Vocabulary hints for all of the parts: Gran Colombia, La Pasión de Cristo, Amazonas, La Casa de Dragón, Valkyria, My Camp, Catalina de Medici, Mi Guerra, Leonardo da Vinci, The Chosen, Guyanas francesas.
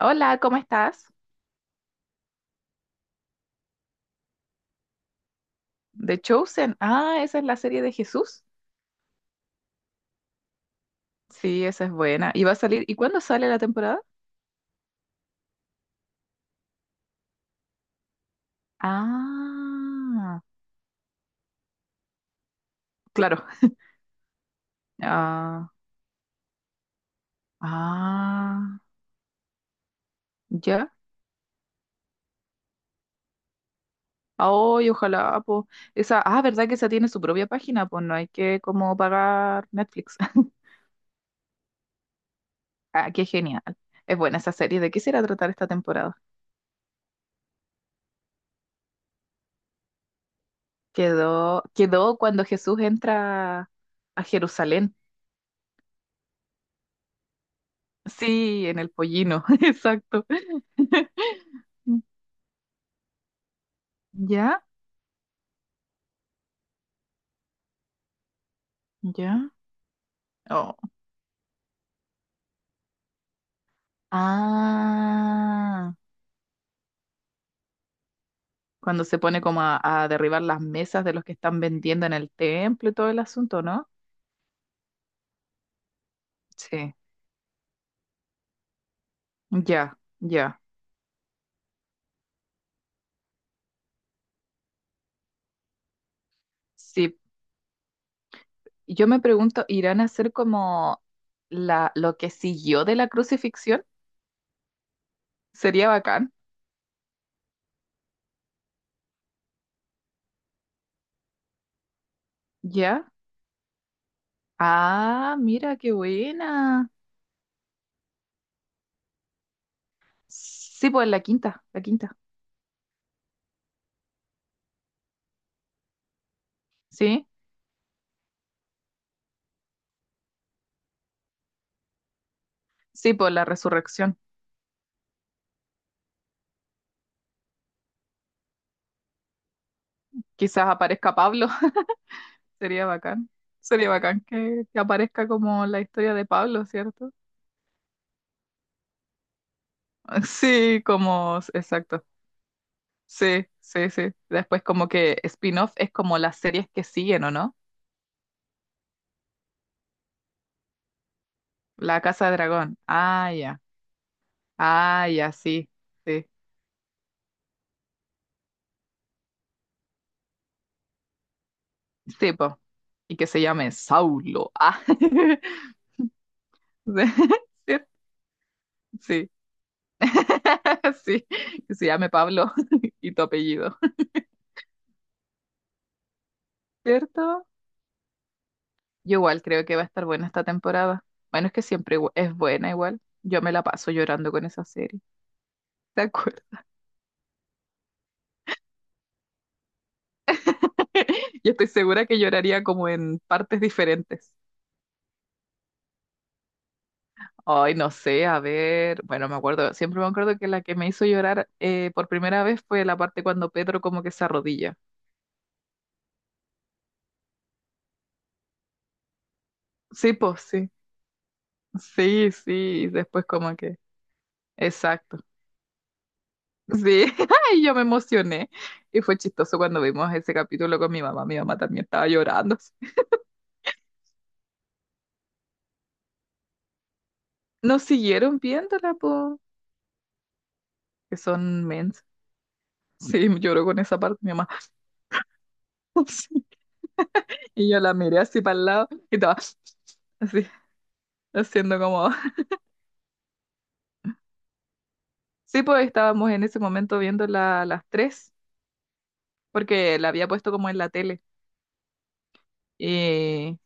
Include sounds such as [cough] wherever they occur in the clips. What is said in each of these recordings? Hola, ¿cómo estás? The Chosen. Ah, esa es la serie de Jesús. Sí, esa es buena. ¿Y va a salir? ¿Y cuándo sale la temporada? Ah, claro. Ah, ah, ya. Ay, ojalá, pues. Esa, ¿verdad que esa tiene su propia página? Pues no hay que como pagar Netflix. [laughs] Ah, qué genial. Es buena esa serie. ¿De qué será tratar esta temporada? Quedó cuando Jesús entra a Jerusalén. Sí, en el pollino, [laughs] exacto. [laughs] ¿Ya? ¿Ya? Oh. Ah, cuando se pone como a derribar las mesas de los que están vendiendo en el templo y todo el asunto, ¿no? Sí, ya, ya. Sí, yo me pregunto, ¿irán a hacer como lo que siguió de la crucifixión? Sería bacán, ¿ya? Ah, mira, qué buena. Sí, pues la quinta, ¿sí? Sí, pues la resurrección. Quizás aparezca Pablo. [laughs] Sería bacán. Sería bacán que aparezca como la historia de Pablo, ¿cierto? [laughs] Sí, como, exacto. Sí, sí, sí. Después como que spin-off es como las series que siguen, ¿o no? La Casa de Dragón. Ah, ya. Ah, ya, sí. Sí. Sí, po. Y que se llame Saulo. Ah. [laughs] Sí. Sí. [laughs] Sí. Que se llame Pablo [laughs] y tu apellido. ¿Cierto? Yo igual creo que va a estar buena esta temporada. Bueno, es que siempre es buena igual. Yo me la paso llorando con esa serie. De acuerdo. [laughs] Yo estoy segura que lloraría como en partes diferentes. Ay, no sé, a ver. Bueno, me acuerdo, siempre me acuerdo que la que me hizo llorar por primera vez fue la parte cuando Pedro como que se arrodilla. Sí, pues sí. Sí, sí. Y después como que. Exacto. Sí, [laughs] y yo me emocioné. Y fue chistoso cuando vimos ese capítulo con mi mamá. Mi mamá también estaba llorando. Nos siguieron viéndola, po, que son mens. Sí, lloró con esa parte mi mamá. [laughs] Sí. Y yo la miré así para el lado y estaba así, haciendo como... Sí, pues estábamos en ese momento viendo las tres, porque la había puesto como en la tele. Y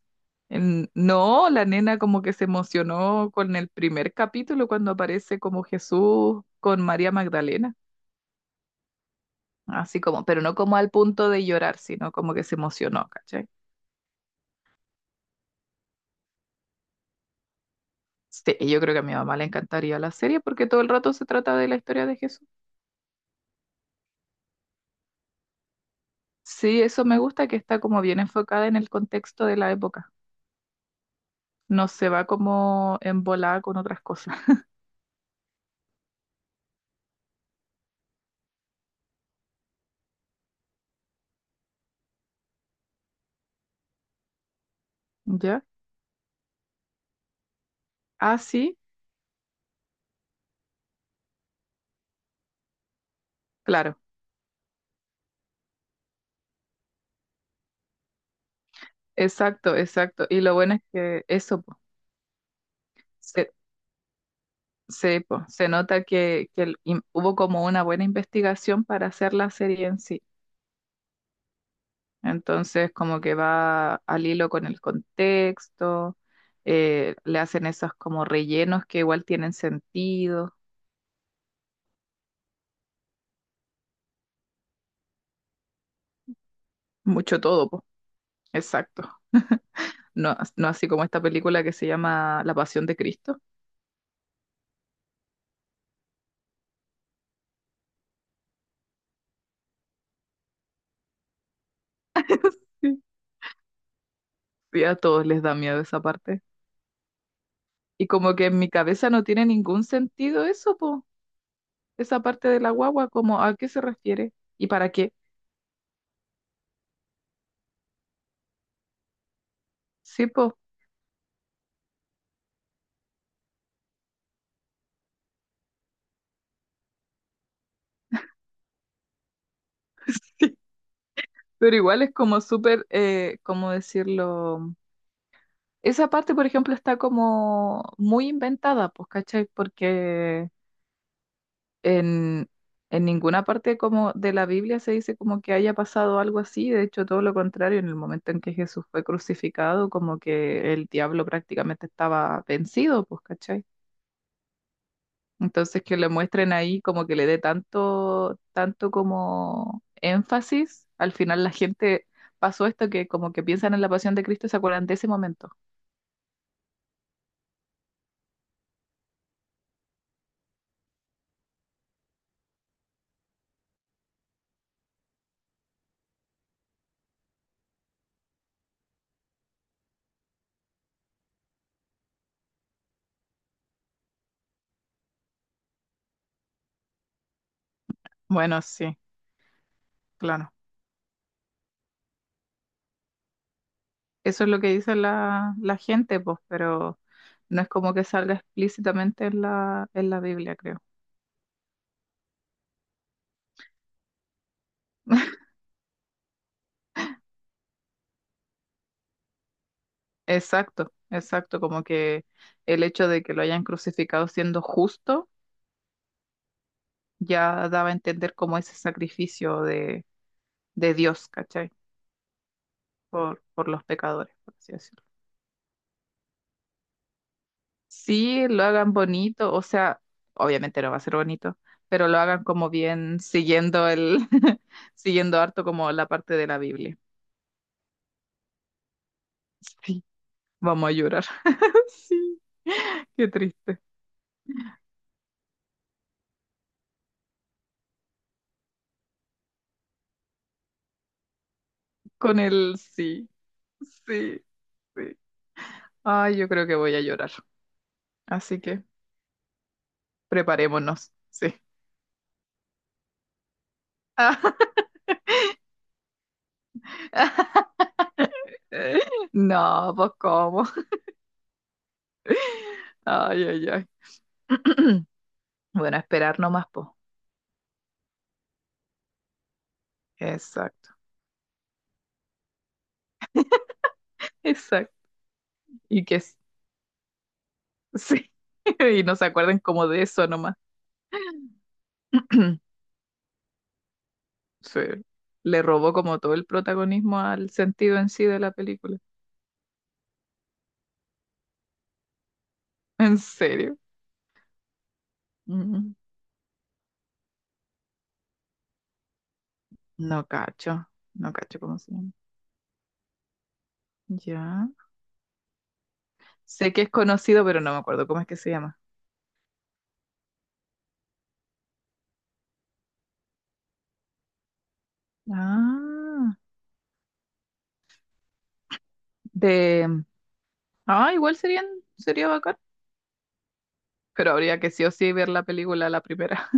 no, la nena como que se emocionó con el primer capítulo cuando aparece como Jesús con María Magdalena. Así como, pero no como al punto de llorar, sino como que se emocionó, ¿cachai? Sí, y yo creo que a mi mamá le encantaría la serie porque todo el rato se trata de la historia de Jesús. Sí, eso me gusta que está como bien enfocada en el contexto de la época. No se va como embolada con otras cosas, [laughs] ¿ya? Ah, sí, claro, exacto, exacto. Y lo bueno es que eso, po, se, se, po, se nota que, hubo como una buena investigación para hacer la serie en sí. Entonces, como que va al hilo con el contexto, le hacen esos como rellenos que igual tienen sentido, mucho todo, po. Exacto. No, no así como esta película que se llama La Pasión de Cristo. Sí. Y a todos les da miedo esa parte. Y como que en mi cabeza no tiene ningún sentido eso, po. Esa parte de la guagua, como a qué se refiere y para qué. Sí, po. [laughs] Pero igual es como súper, ¿cómo decirlo? Esa parte, por ejemplo, está como muy inventada, pues, ¿cachai? Porque en, en ninguna parte como de la Biblia se dice como que haya pasado algo así, de hecho, todo lo contrario, en el momento en que Jesús fue crucificado, como que el diablo prácticamente estaba vencido, pues, ¿cachai? Entonces que le muestren ahí como que le dé tanto, tanto como énfasis, al final la gente pasó esto que como que piensan en la pasión de Cristo y se acuerdan de ese momento. Bueno, sí, claro. Eso es lo que dice la gente, pues, pero no es como que salga explícitamente en en la Biblia, creo. [laughs] Exacto, exacto, como que el hecho de que lo hayan crucificado siendo justo ya daba a entender como ese sacrificio de Dios, ¿cachai? Por los pecadores, por así decirlo. Sí, lo hagan bonito, o sea, obviamente no va a ser bonito, pero lo hagan como bien siguiendo el, [laughs] siguiendo harto como la parte de la Biblia. Sí. Vamos a llorar. [laughs] Sí, qué triste. Con el sí, sí, sí. Ay, yo creo que voy a llorar. Así que preparémonos. Sí. [laughs] No, pues cómo. Ay, ay, ay. [clears throat] Bueno, esperar nomás, pues. Exacto, exacto. Y que s- sí. [laughs] Y no se acuerden como de eso nomás. [clears throat] Sí. Le robó como todo el protagonismo al sentido en sí de la película. ¿En serio? Mm. No cacho, no cacho cómo se llama. Ya. Sé que es conocido, pero no me acuerdo cómo es que se llama. Ah, de... Ah, igual serían, sería bacán, pero habría que sí o sí ver la película la primera.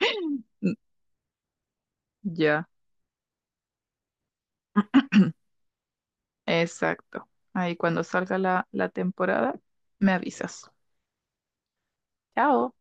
[laughs] Mm, ya, [clears throat] exacto. Ahí cuando salga la temporada, me avisas. Chao.